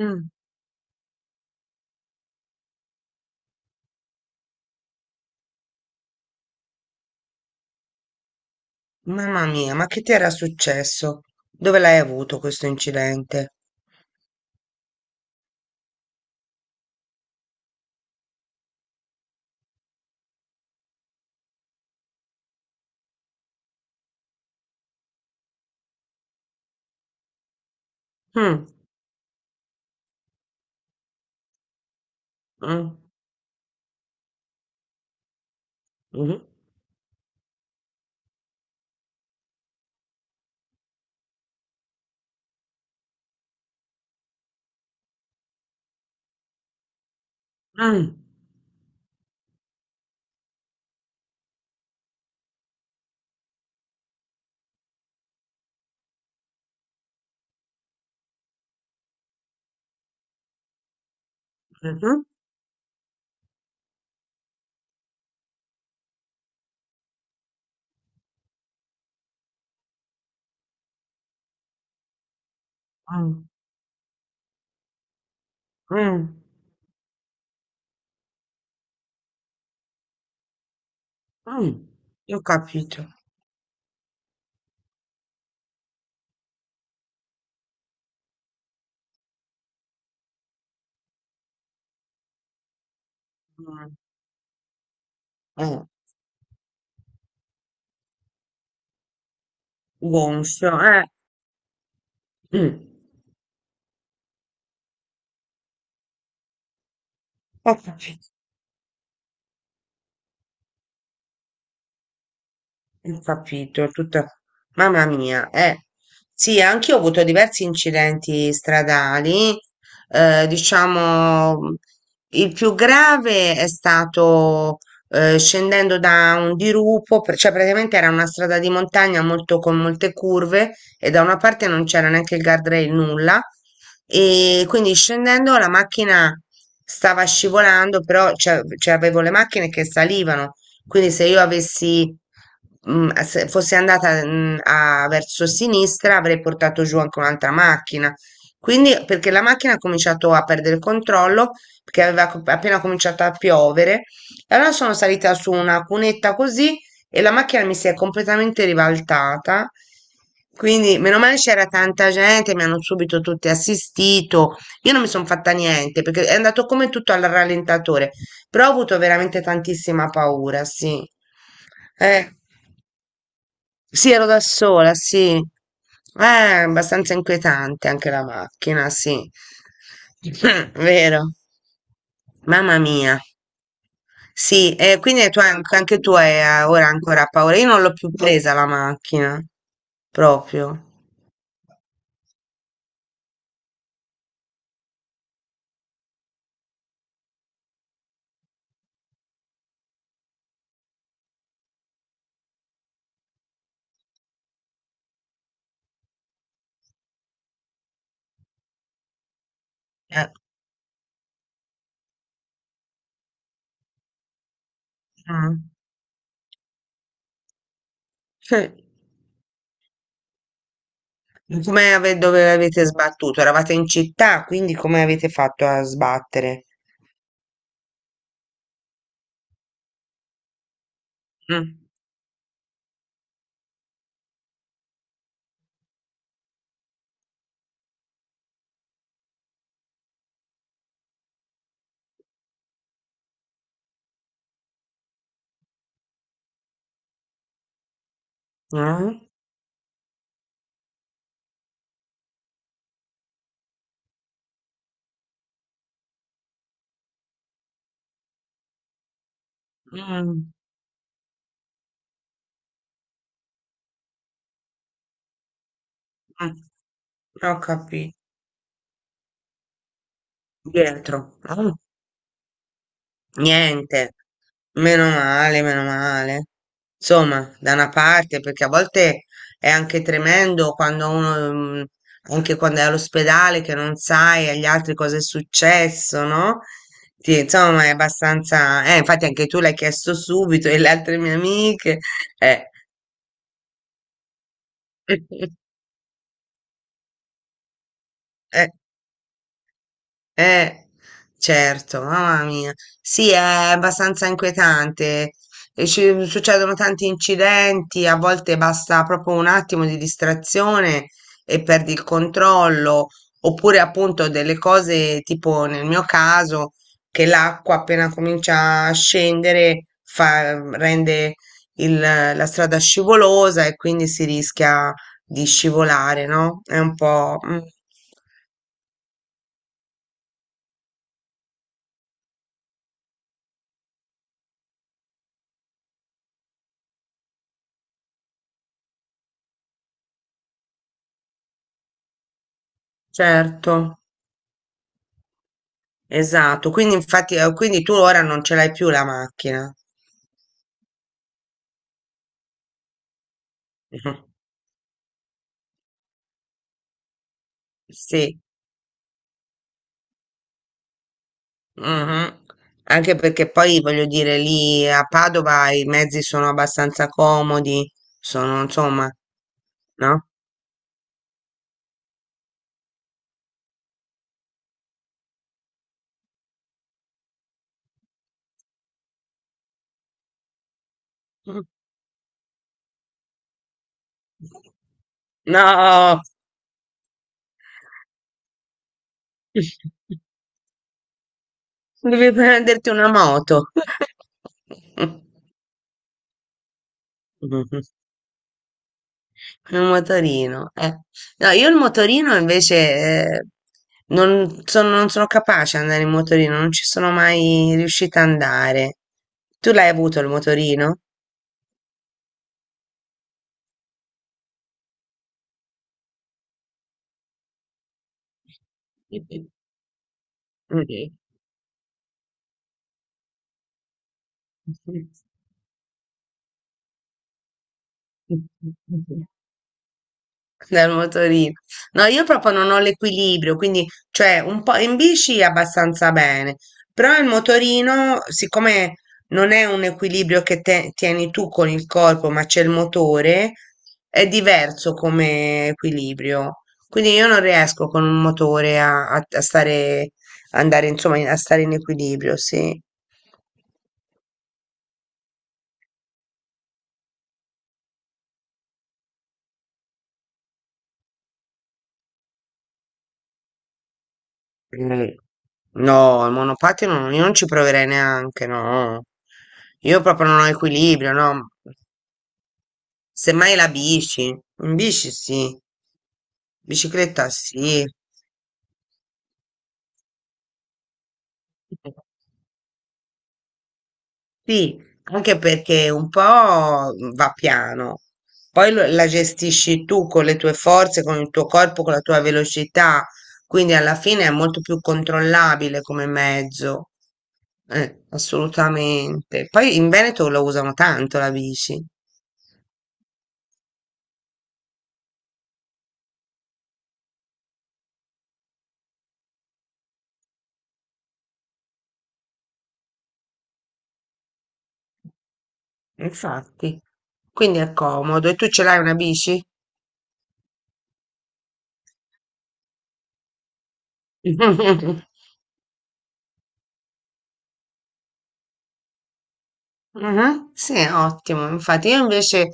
Mm. Mamma mia, ma che ti era successo? Dove l'hai avuto questo incidente? Mm, mm, mhm, mm, mhm, mm, mm, mm. Ho capito. Mm. Eh. Gonfio, eh. Mm. Ho capito. Ho capito, tutta. Mamma mia, eh. Sì, anch'io ho avuto diversi incidenti stradali. Diciamo, il più grave è stato scendendo da un dirupo, cioè praticamente era una strada di montagna molto, con molte curve, e da una parte non c'era neanche il guardrail, nulla. E quindi, scendendo, la macchina stava scivolando, però cioè, avevo le macchine che salivano, quindi se io avessi, se fossi andata, verso sinistra, avrei portato giù anche un'altra macchina. Quindi, perché la macchina ha cominciato a perdere il controllo, perché aveva appena cominciato a piovere, e allora sono salita su una cunetta così e la macchina mi si è completamente ribaltata. Quindi, meno male c'era tanta gente, mi hanno subito tutti assistito. Io non mi sono fatta niente perché è andato come tutto al rallentatore. Però ho avuto veramente tantissima paura, sì. Eh, sì, ero da sola, sì. Abbastanza inquietante anche la macchina, sì. Vero. Mamma mia. Sì, e quindi tu anche, anche tu hai ora ancora paura. Io non l'ho più presa la macchina, proprio. Eh. Mm. Sì. Dove avete sbattuto? Eravate in città, quindi come avete fatto a sbattere? Mm. Mm. Mm, mm, ho capito. Dietro. Mm, niente. Meno male, meno male. Insomma, da una parte, perché a volte è anche tremendo quando uno, anche quando è all'ospedale, che non sai agli altri cosa è successo, no? Sì, insomma, è abbastanza. Infatti anche tu l'hai chiesto subito e le altre mie amiche. Eh. Eh. Eh, certo, mamma mia. Sì, è abbastanza inquietante. E ci succedono tanti incidenti, a volte basta proprio un attimo di distrazione e perdi il controllo, oppure appunto delle cose tipo nel mio caso che l'acqua appena comincia a scendere rende la strada scivolosa e quindi si rischia di scivolare, no? È un po'. Mm. Certo. Esatto, quindi infatti, quindi tu ora non ce l'hai più la macchina. Sì, mhm. Anche perché poi voglio dire, lì a Padova i mezzi sono abbastanza comodi, sono insomma, no? No, devi prenderti una moto. È un motorino, eh. No, io il motorino invece eh, non sono capace ad andare in motorino, non ci sono mai riuscita ad andare. Tu l'hai avuto il motorino? Mm. Dal motorino. No, io proprio non ho l'equilibrio, quindi, cioè, un po' in bici abbastanza bene, però il motorino, siccome non è un equilibrio che tieni tu con il corpo, ma c'è il motore, è diverso come equilibrio. Quindi io non riesco con un motore a stare, andare, insomma, a stare in equilibrio, sì. Mm. No, il monopattino io non ci proverei neanche, no. Io proprio non ho equilibrio, no. Semmai la bici, in bici sì, bicicletta sì. Sì, anche perché un po' va piano, poi la gestisci tu con le tue forze, con il tuo corpo, con la tua velocità, quindi alla fine è molto più controllabile come mezzo. Assolutamente. Poi in Veneto lo usano tanto la bici, infatti, quindi è comodo. E tu ce l'hai una bici? Mhm, sì, ottimo. Infatti, io invece,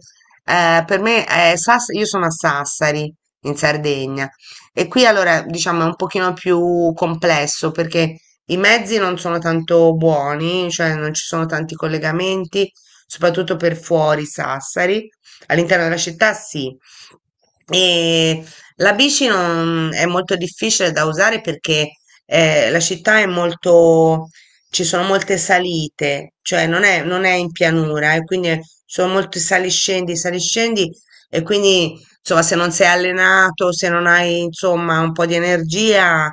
per me, io sono a Sassari, in Sardegna, e qui allora diciamo è un pochino più complesso perché i mezzi non sono tanto buoni, cioè non ci sono tanti collegamenti, soprattutto per fuori Sassari. All'interno della città sì. E la bici è molto difficile da usare perché la città è molto, ci sono molte salite, cioè non è in pianura, e quindi sono molti saliscendi, saliscendi, e quindi insomma, se non sei allenato, se non hai insomma un po' di energia,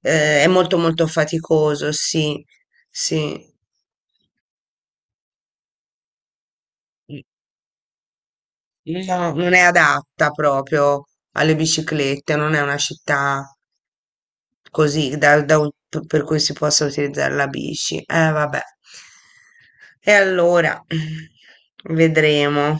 è molto molto faticoso, sì, sì. No, non è adatta proprio alle biciclette, non è una città. Così, da un p per cui si possa utilizzare la bici. Vabbè. E allora vedremo.